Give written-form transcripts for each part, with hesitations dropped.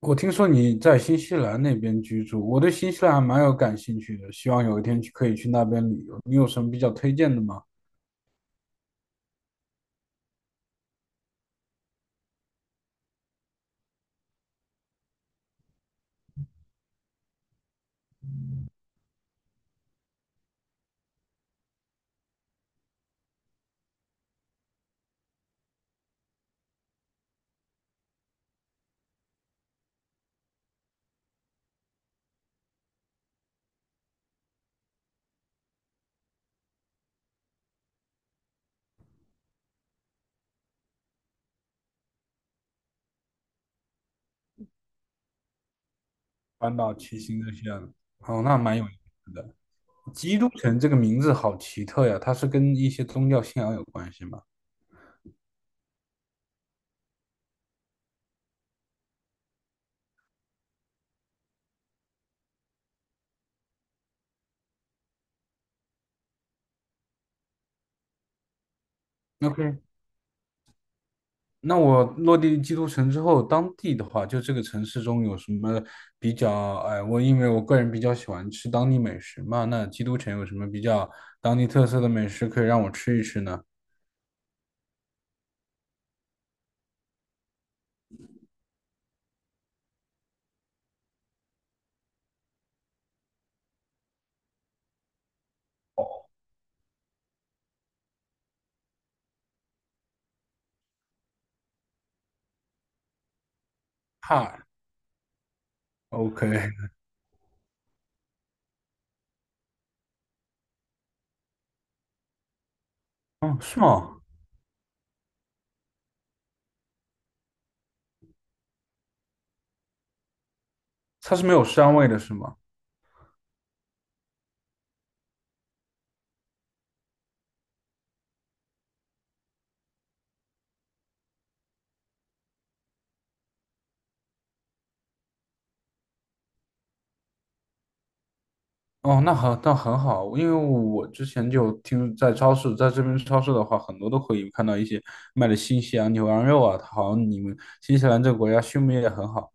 我听说你在新西兰那边居住，我对新西兰还蛮有感兴趣的，希望有一天去可以去那边旅游。你有什么比较推荐的吗？搬到骑行这些的。哦，那蛮有意思的。基督城这个名字好奇特呀，它是跟一些宗教信仰有关系吗？OK，那我落地基督城之后，当地的话，就这个城市中有什么比较？哎，我因为我个人比较喜欢吃当地美食嘛，那基督城有什么比较当地特色的美食可以让我吃一吃呢？哦，OK，哦，是吗？它是没有膻味的，是吗？哦，那很那很好，因为我之前就听在超市，在这边超市的话，很多都可以看到一些卖的新西兰牛羊肉啊，好像你们新西兰这个国家畜牧业也很好。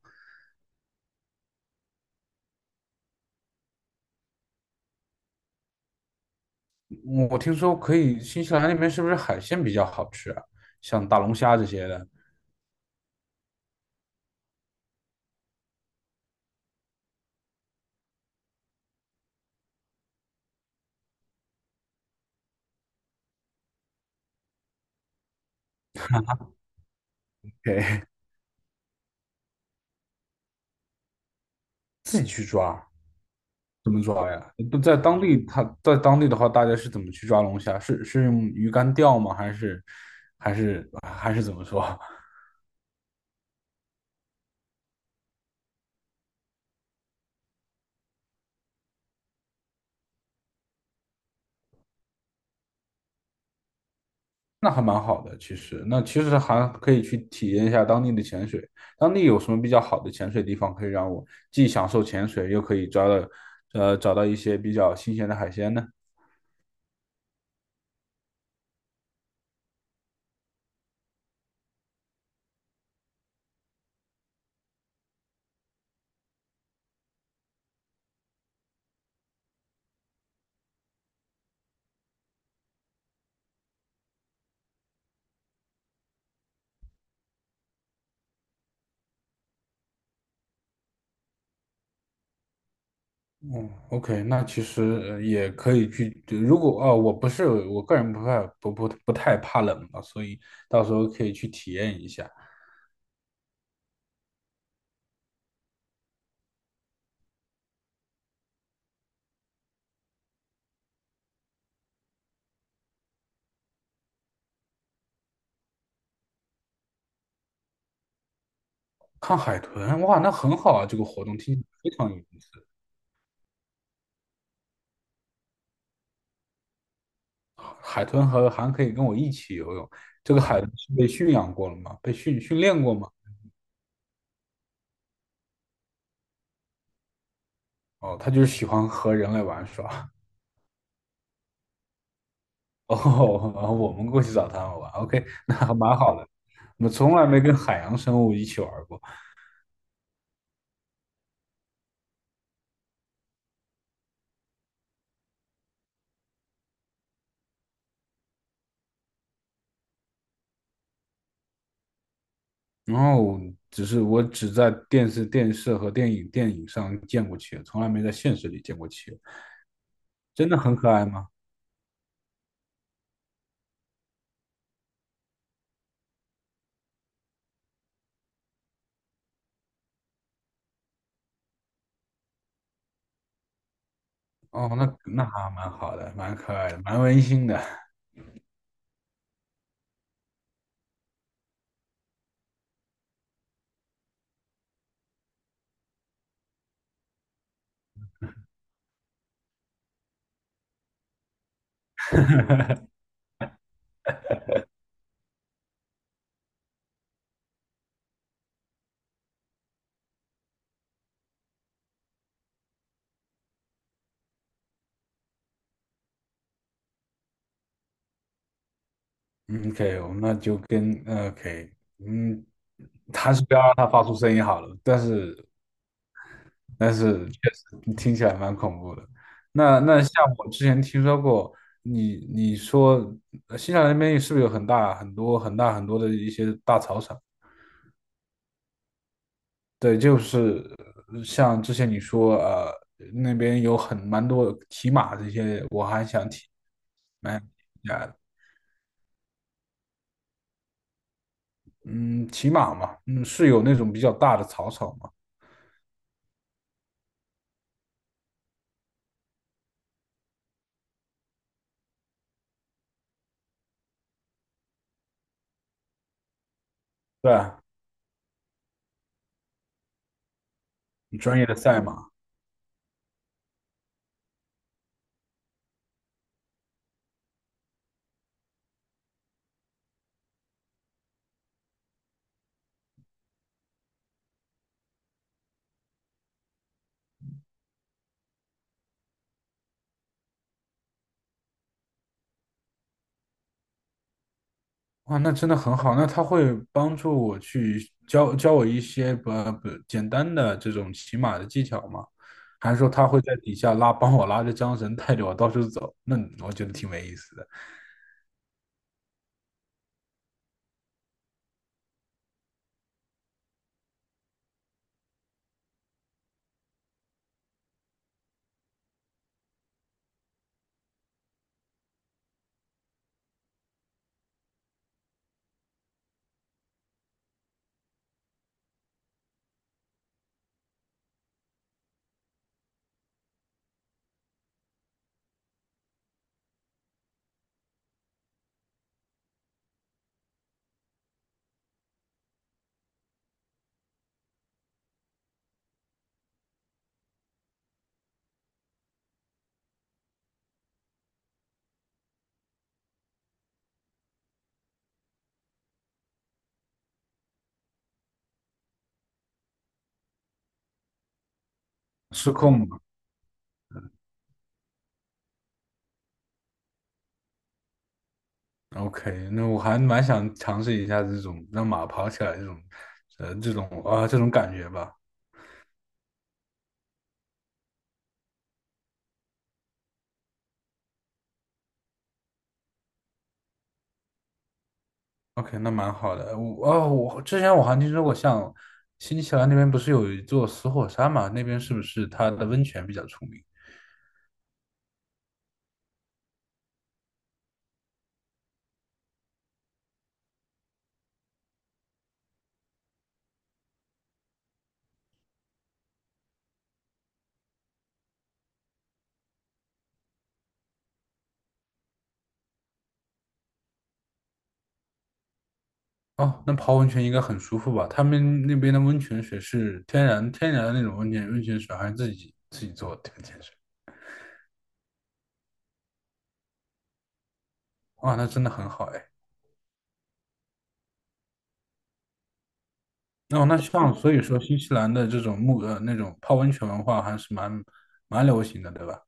我听说可以，新西兰那边是不是海鲜比较好吃啊？像大龙虾这些的，给自己去抓，怎么抓呀？不在当地，它在当地的话，大家是怎么去抓龙虾？是用鱼竿钓吗？还是还是怎么说？那还蛮好的，其实那其实还可以去体验一下当地的潜水。当地有什么比较好的潜水地方，可以让我既享受潜水，又可以抓到，找到一些比较新鲜的海鲜呢？嗯，OK，那其实也可以去。如果哦，我不是我个人不太不太怕冷嘛，所以到时候可以去体验一下。看海豚，哇，那很好啊！这个活动听起来非常有意思。海豚和还可以跟我一起游泳。这个海豚是被驯养过了吗？被练过吗？哦，他就是喜欢和人类玩耍。哦，然后我们过去找他们玩，OK，那还蛮好的。我从来没跟海洋生物一起玩过，然后只是我只在电视和电影上见过企鹅，从来没在现实里见过企鹅。真的很可爱吗？哦，那那还蛮好的，蛮可爱的，蛮温馨的。嗯 OK，我们那就跟OK，嗯，还是不要让它发出声音好了。但是但是确实听起来蛮恐怖的。那那像我之前听说过，你说新西兰那边是不是有很大很多很大很多的一些大草场？对，就是像之前你说那边有很蛮多骑马这些，我还想体蛮呀嗯骑马嘛，嗯是有那种比较大的草场嘛？对啊，专业的赛马。哇，那真的很好。那他会帮助我去教我一些不不简单的这种骑马的技巧吗？还是说他会在底下拉，帮我拉着缰绳，带着我到处走？那我觉得挺没意思的，失控嘛。OK，那我还蛮想尝试一下这种让马跑起来这种，这种啊、这种感觉吧。OK，那蛮好的。我啊、我之前我还听说过像新西兰那边不是有一座死火山嘛？那边是不是它的温泉比较出名？哦，那泡温泉应该很舒服吧？他们那边的温泉水是天然的那种温泉水，还是自己做的温泉水？哇，那真的很好哎。那那像所以说新西兰的这种那种泡温泉文化还是蛮流行的，对吧？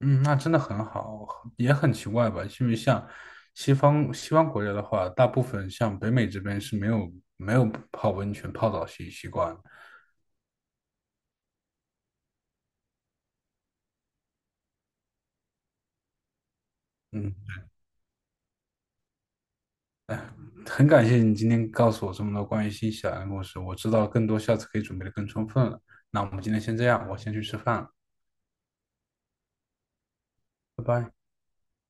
嗯，那真的很好，也很奇怪吧？因为像西方国家的话，大部分像北美这边是没有泡温泉泡澡惯嗯。很感谢你今天告诉我这么多关于新西兰的故事，我知道更多，下次可以准备的更充分了。那我们今天先这样，我先去吃饭了，拜拜。